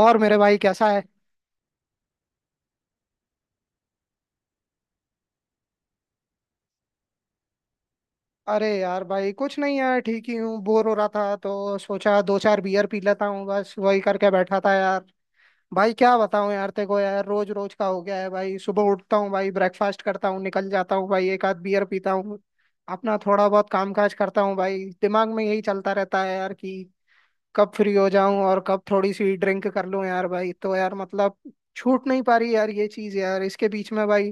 और मेरे भाई कैसा है? अरे यार भाई कुछ नहीं यार, ठीक ही हूँ। बोर हो रहा था तो सोचा दो चार बियर पी लेता हूँ, बस वही करके बैठा था यार। भाई क्या बताऊँ यार तेरे को, यार रोज रोज का हो गया है भाई। सुबह उठता हूँ भाई, ब्रेकफास्ट करता हूँ, निकल जाता हूँ भाई, एक आध बियर पीता हूँ। अपना थोड़ा बहुत काम काज करता हूँ भाई, दिमाग में यही चलता रहता है यार कि कब फ्री हो जाऊं और कब थोड़ी सी ड्रिंक कर लूं यार भाई। तो यार मतलब छूट नहीं पा रही यार ये चीज यार, इसके बीच में भाई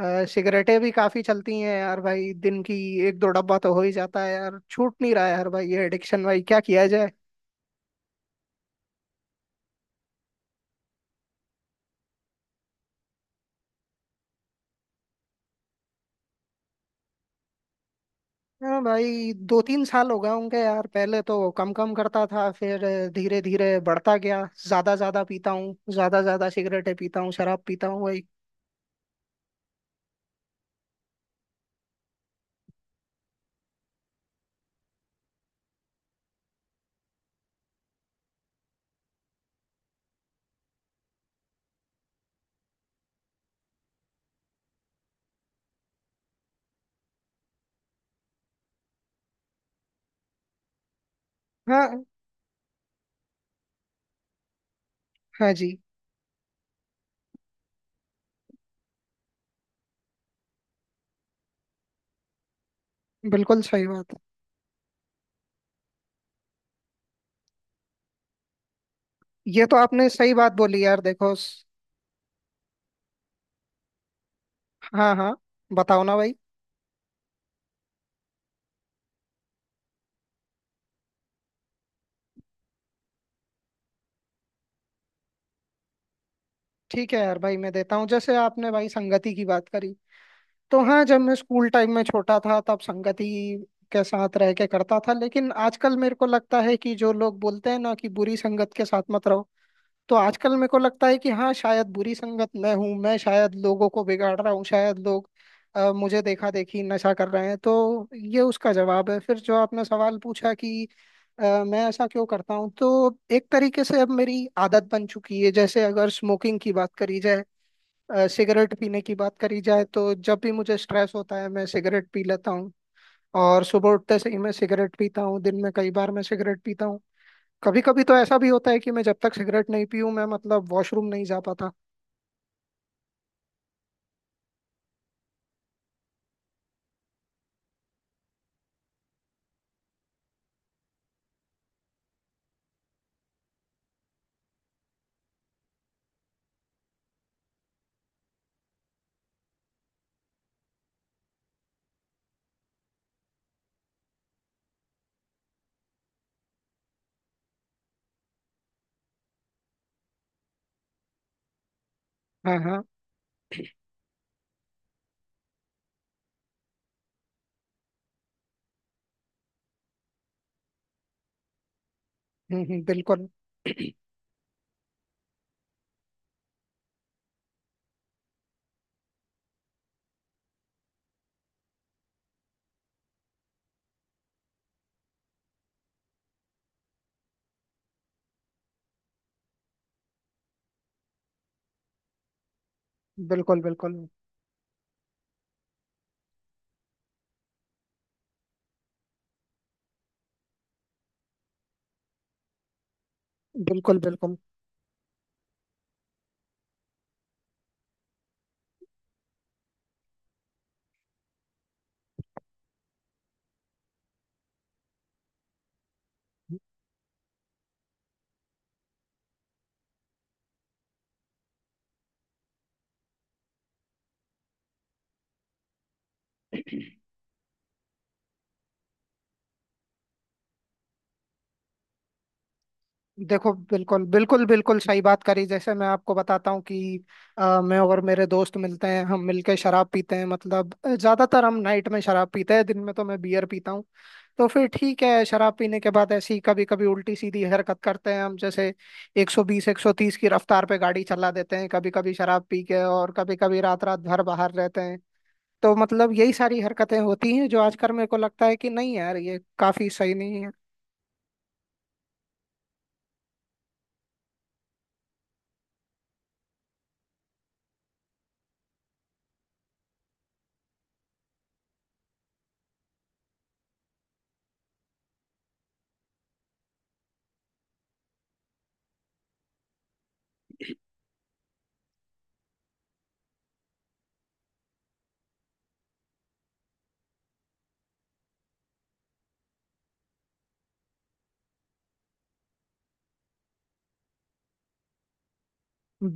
सिगरेटें भी काफी चलती हैं यार भाई। दिन की एक दो डब्बा तो हो ही जाता है यार, छूट नहीं रहा है यार भाई ये एडिक्शन, भाई क्या किया जाए। हाँ भाई, दो तीन साल हो गए होंगे यार। पहले तो कम कम करता था, फिर धीरे धीरे बढ़ता गया। ज्यादा ज्यादा पीता हूँ, ज्यादा ज्यादा सिगरेटें पीता हूँ, शराब पीता हूँ भाई। हाँ। हाँ जी। बिल्कुल सही बात है। ये तो आपने सही बात बोली यार। देखो। हाँ हाँ। बताओ ना भाई। ठीक है यार भाई, मैं देता हूँ। जैसे आपने भाई संगति की बात करी, तो हाँ, जब मैं स्कूल टाइम में छोटा था तब संगति के साथ रह के करता था। लेकिन आजकल मेरे को लगता है कि जो लोग बोलते हैं ना कि बुरी संगत के साथ मत रहो, तो आजकल मेरे को लगता है कि हाँ, शायद बुरी संगत मैं हूँ, मैं शायद लोगों को बिगाड़ रहा हूँ, शायद लोग मुझे देखा देखी नशा कर रहे हैं। तो ये उसका जवाब है। फिर जो आपने सवाल पूछा कि मैं ऐसा क्यों करता हूँ, तो एक तरीके से अब मेरी आदत बन चुकी है। जैसे अगर स्मोकिंग की बात करी जाए, सिगरेट पीने की बात करी जाए, तो जब भी मुझे स्ट्रेस होता है मैं सिगरेट पी लेता हूँ। और सुबह उठते से ही मैं सिगरेट पीता हूँ, दिन में कई बार मैं सिगरेट पीता हूँ। कभी कभी तो ऐसा भी होता है कि मैं जब तक सिगरेट नहीं पीऊँ मैं मतलब वॉशरूम नहीं जा पाता। हाँ हाँ। हम्म। बिल्कुल बिल्कुल बिल्कुल बिल्कुल बिल्कुल। देखो, बिल्कुल बिल्कुल बिल्कुल सही बात करी। जैसे मैं आपको बताता हूँ कि मैं और मेरे दोस्त मिलते हैं, हम मिलके शराब पीते हैं। मतलब ज्यादातर हम नाइट में शराब पीते हैं, दिन में तो मैं बियर पीता हूँ। तो फिर ठीक है, शराब पीने के बाद ऐसी कभी कभी उल्टी सीधी हरकत करते हैं हम, जैसे 120 130 की रफ्तार पे गाड़ी चला देते हैं कभी कभी शराब पी के, और कभी कभी रात रात भर बाहर रहते हैं। तो मतलब यही सारी हरकतें होती हैं जो आजकल मेरे को लगता है कि नहीं यार, ये काफी सही नहीं है।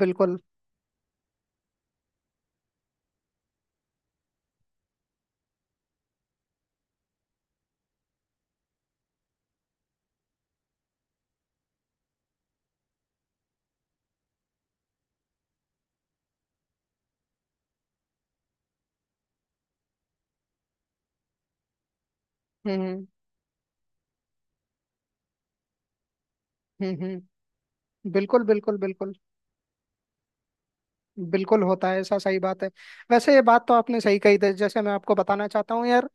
बिल्कुल। हम्म हम्म। बिल्कुल बिल्कुल बिल्कुल। बिल्कुल होता है ऐसा, सही बात है। वैसे ये बात तो आपने सही कही थी। जैसे मैं आपको बताना चाहता हूँ यार,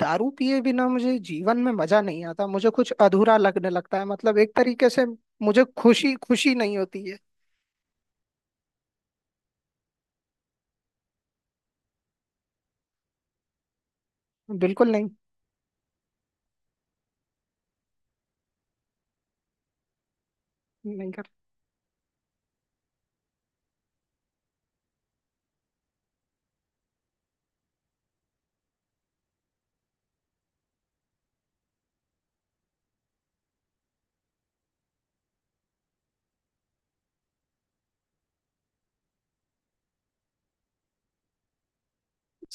दारू पिए बिना मुझे जीवन में मजा नहीं आता, मुझे कुछ अधूरा लगने लगता है, मतलब एक तरीके से मुझे खुशी खुशी नहीं होती है। बिल्कुल नहीं। नहीं कर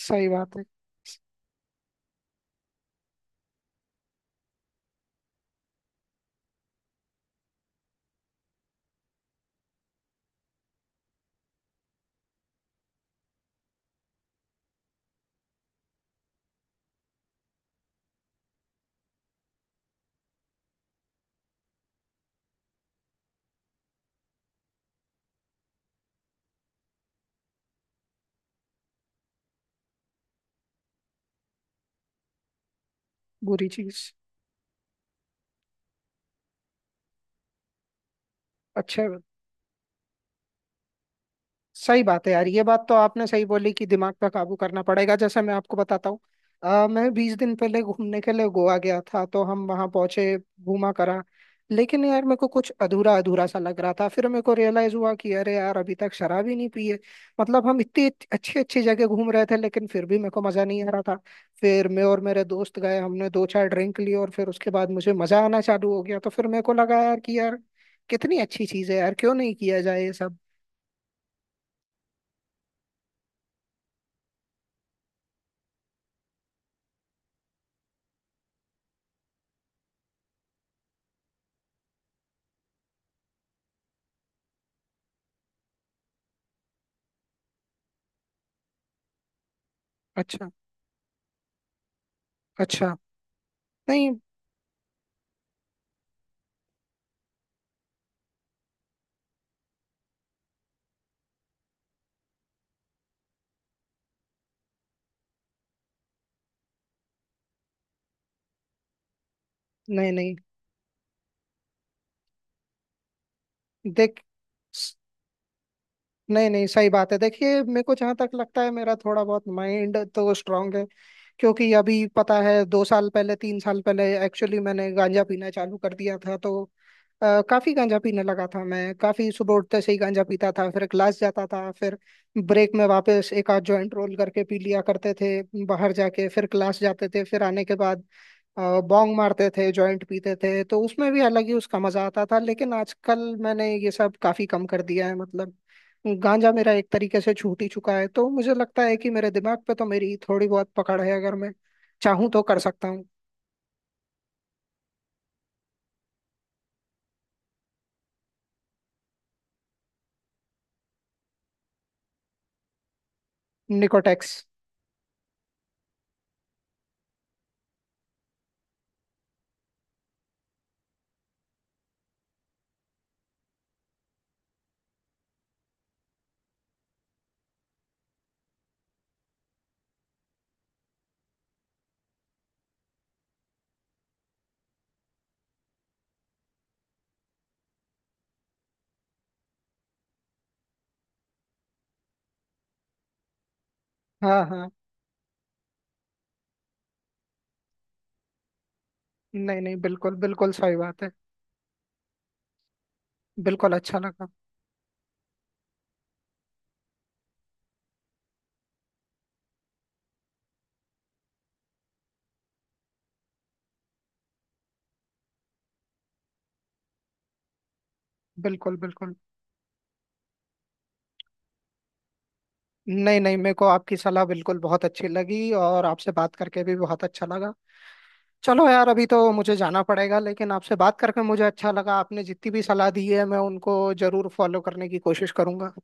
सही बात है। बुरी चीज। अच्छा। सही बात है यार, ये बात तो आपने सही बोली कि दिमाग पे काबू करना पड़ेगा। जैसे मैं आपको बताता हूँ, मैं 20 दिन पहले घूमने के लिए गोवा गया था। तो हम वहाँ पहुंचे, घूमा करा, लेकिन यार मेरे को कुछ अधूरा अधूरा सा लग रहा था। फिर मेरे को रियलाइज हुआ कि अरे यार, अभी तक शराब ही नहीं पी है। मतलब हम इतनी अच्छी अच्छी जगह घूम रहे थे लेकिन फिर भी मेरे को मजा नहीं आ रहा था। फिर मैं और मेरे दोस्त गए, हमने दो चार ड्रिंक ली और फिर उसके बाद मुझे मजा आना चालू हो गया। तो फिर मेरे को लगा यार कि यार कितनी अच्छी चीज है यार, क्यों नहीं किया जाए ये सब। अच्छा। अच्छा। नहीं नहीं नहीं। देख नहीं नहीं, सही बात है। देखिए, मेरे को जहाँ तक लगता है मेरा थोड़ा बहुत माइंड तो स्ट्रांग है, क्योंकि अभी पता है 2 साल पहले, 3 साल पहले एक्चुअली मैंने गांजा पीना चालू कर दिया था। तो काफी गांजा पीने लगा था मैं। काफी सुबह उठते से ही गांजा पीता था, फिर क्लास जाता था, फिर ब्रेक में वापस एक आध जॉइंट रोल करके पी लिया करते थे, बाहर जाके फिर क्लास जाते थे। फिर आने के बाद बॉन्ग मारते थे, जॉइंट पीते थे, तो उसमें भी अलग ही उसका मजा आता था। लेकिन आजकल मैंने ये सब काफी कम कर दिया है, मतलब गांजा मेरा एक तरीके से छूट ही चुका है। तो मुझे लगता है कि मेरे दिमाग पे तो मेरी थोड़ी बहुत पकड़ है, अगर मैं चाहूँ तो कर सकता हूँ। निकोटेक्स। हाँ हाँ। नहीं नहीं, बिल्कुल बिल्कुल सही बात है। बिल्कुल अच्छा लगा। बिल्कुल बिल्कुल। नहीं नहीं, मेरे को आपकी सलाह बिल्कुल बहुत अच्छी लगी, और आपसे बात करके भी बहुत अच्छा लगा। चलो यार, अभी तो मुझे जाना पड़ेगा, लेकिन आपसे बात करके मुझे अच्छा लगा। आपने जितनी भी सलाह दी है मैं उनको जरूर फॉलो करने की कोशिश करूंगा।